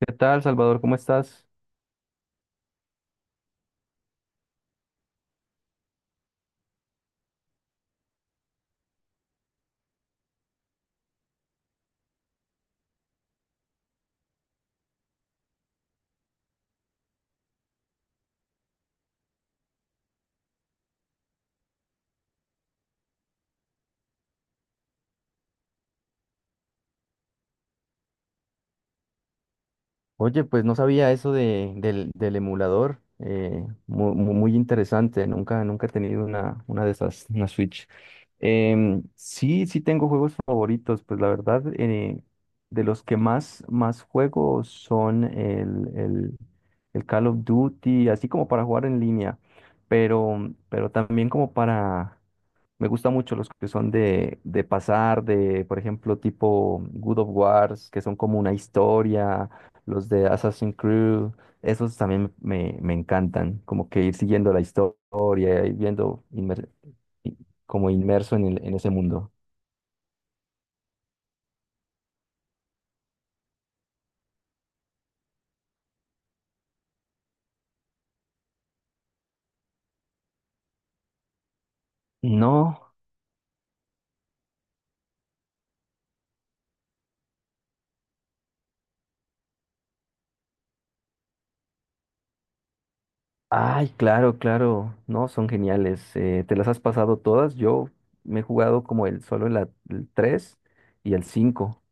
¿Qué tal, Salvador? ¿Cómo estás? Oye, pues no sabía eso del emulador. Muy interesante. Nunca he tenido una de esas, una Switch. Sí, sí tengo juegos favoritos. Pues la verdad, de los que más juego son el Call of Duty, así como para jugar en línea, pero también como para... Me gustan mucho los que son de pasar, de, por ejemplo, tipo Good of Wars, que son como una historia, los de Assassin's Creed. Esos también me encantan, como que ir siguiendo la historia, ir viendo i- como inmerso en ese mundo. No, ay, claro, claro, no, son geniales. ¿Te las has pasado todas? Yo me he jugado como el solo el 3 y el 5.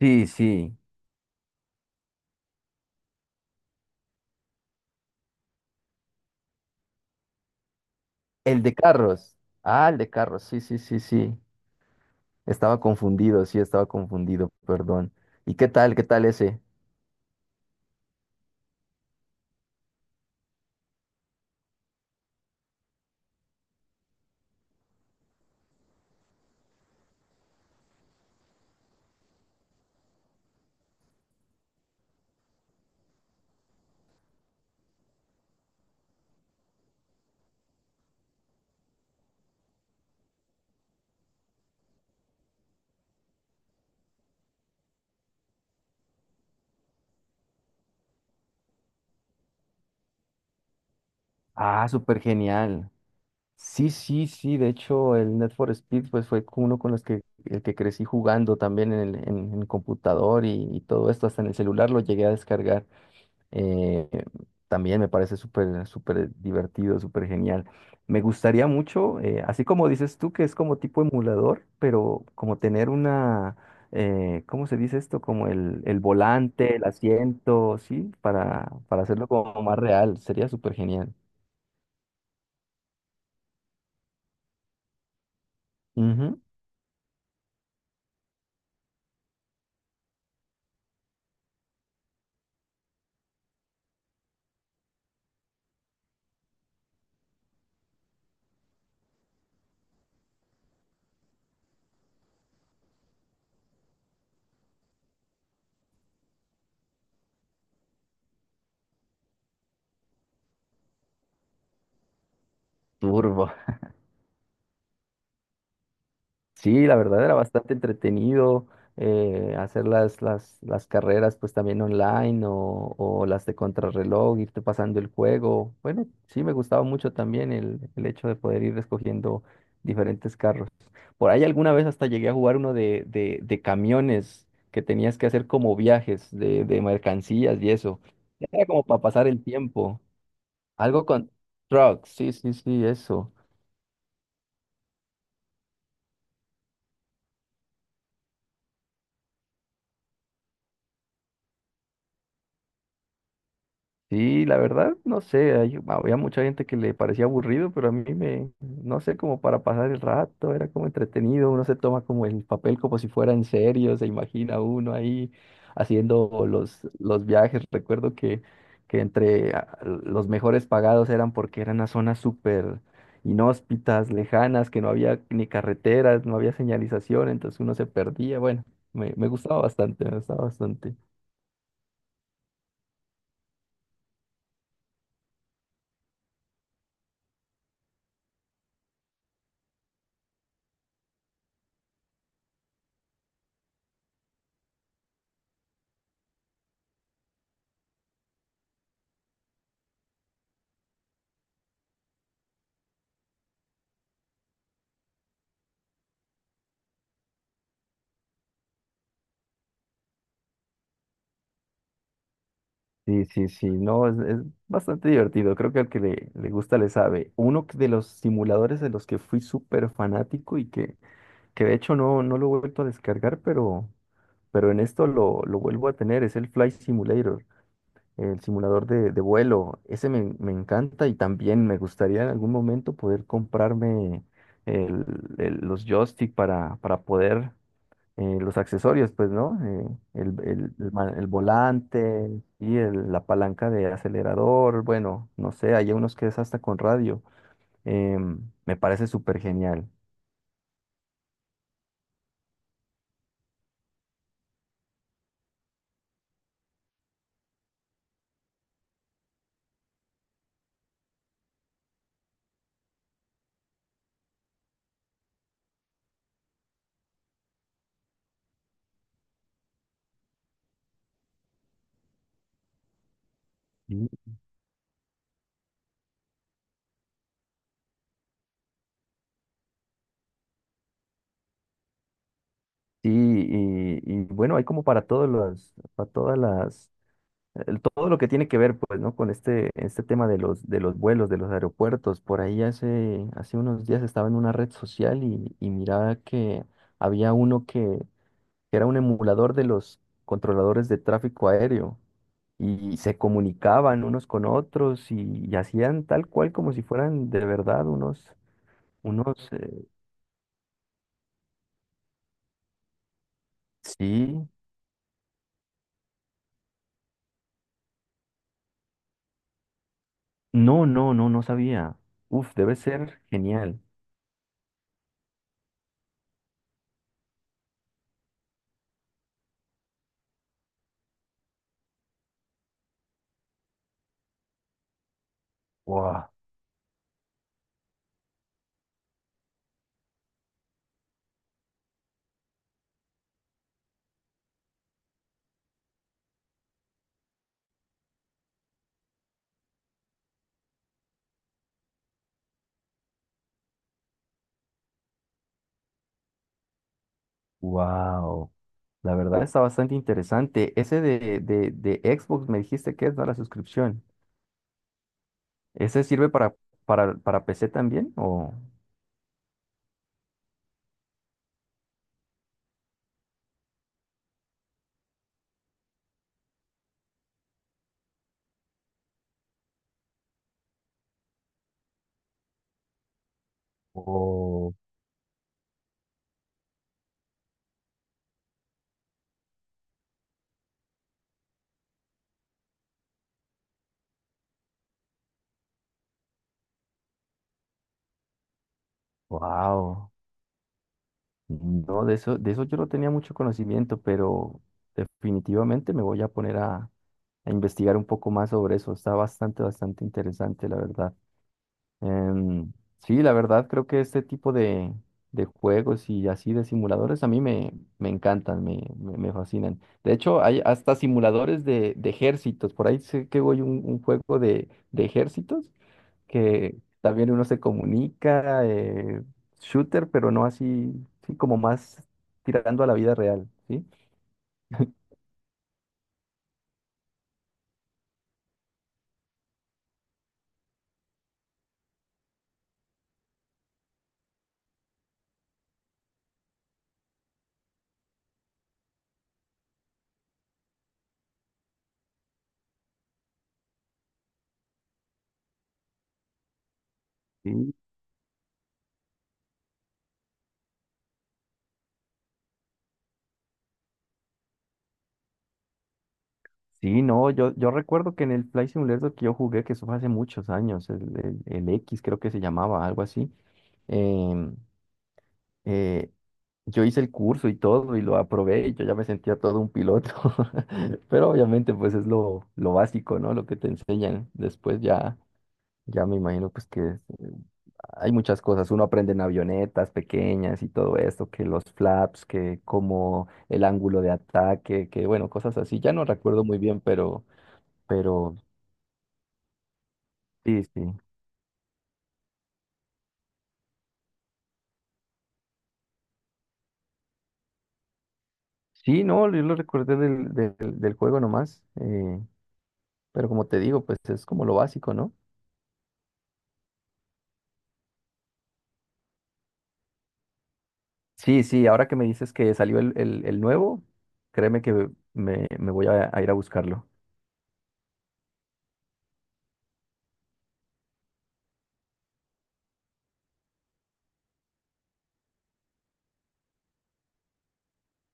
Sí, sí. El de carros. Ah, el de carros. Sí, sí, sí, sí. Estaba confundido, sí, estaba confundido, perdón. ¿Y qué tal? ¿Qué tal ese? Ah, súper genial. Sí, sí, sí. De hecho, el Net for Speed pues fue con uno con los que el que crecí jugando también en el, en computador, y todo esto, hasta en el celular lo llegué a descargar. Eh, También me parece súper, súper divertido, súper genial. Me gustaría mucho, así como dices tú, que es como tipo emulador, pero como tener una, ¿cómo se dice esto? Como el volante, el asiento, ¿sí? Para hacerlo como más real. Sería súper genial. Ujú. Turbo. Sí, la verdad era bastante entretenido, hacer las carreras pues también online o las de contrarreloj, irte pasando el juego. Bueno, sí me gustaba mucho también el hecho de poder ir escogiendo diferentes carros. Por ahí alguna vez hasta llegué a jugar uno de camiones que tenías que hacer como viajes de mercancías y eso. Era como para pasar el tiempo. Algo con trucks, sí, sí, sí, eso. Sí, la verdad, no sé, había mucha gente que le parecía aburrido, pero a mí me, no sé, como para pasar el rato, era como entretenido. Uno se toma como el papel como si fuera en serio, se imagina uno ahí haciendo los viajes. Recuerdo que entre los mejores pagados eran porque eran a zonas súper inhóspitas, lejanas, que no había ni carreteras, no había señalización, entonces uno se perdía. Bueno, me gustaba bastante, me gustaba bastante. Sí, sí, sí, no, es bastante divertido. Creo que al que le gusta le sabe. Uno de los simuladores de los que fui súper fanático y que de hecho no lo he vuelto a descargar, pero en esto lo vuelvo a tener, es el Flight Simulator, el simulador de vuelo. Ese me encanta, y también me gustaría en algún momento poder comprarme el- los joystick para poder, los accesorios, pues, ¿no? El volante y la palanca de acelerador. Bueno, no sé, hay unos que es hasta con radio. Me parece súper genial. Y, sí, y bueno, hay como para todos los, para todas las, todo lo que tiene que ver, pues, ¿no? Con este tema de los vuelos, de los aeropuertos. Por ahí hace unos días estaba en una red social y miraba que había uno que era un emulador de los controladores de tráfico aéreo, y se comunicaban unos con otros y hacían tal cual como si fueran de verdad unos, sí. No, no, no, no sabía. Uf, debe ser genial. Wow, wow. La verdad está bastante interesante. Ese de Xbox me dijiste que es, ¿no? La suscripción. ¿Ese sirve para, para PC también? Oh, wow. No, de eso yo no tenía mucho conocimiento, pero definitivamente me voy a poner a investigar un poco más sobre eso. Está bastante, bastante interesante, la verdad. Em, sí, la verdad creo que este tipo de juegos y así de simuladores a mí me encantan, me fascinan. De hecho, hay hasta simuladores de ejércitos. Por ahí sé que voy un juego de ejércitos, que también uno se comunica, shooter, pero no así, sí, como más tirando a la vida real, ¿sí? Sí, sí, no, yo recuerdo que en el Flight Simulator que yo jugué, que eso fue hace muchos años, el X creo que se llamaba, algo así. em, eh, yo hice el curso y todo, y lo aprobé, y yo ya me sentía todo un piloto, pero obviamente pues es lo básico, ¿no? Lo que te enseñan después ya me imagino pues que es... Hay muchas cosas, uno aprende en avionetas pequeñas y todo esto, que los flaps, que como el ángulo de ataque, que bueno, cosas así. Ya no recuerdo muy bien, pero sí, sí. Sí, no, yo lo recordé del juego nomás, pero como te digo, pues es como lo básico, ¿no? Sí, sí, ahora que me dices que salió el nuevo, créeme que me voy a ir a buscarlo.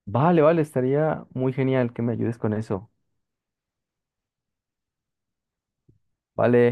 Vale, vale, estaría muy genial que me ayudes con eso. Vale.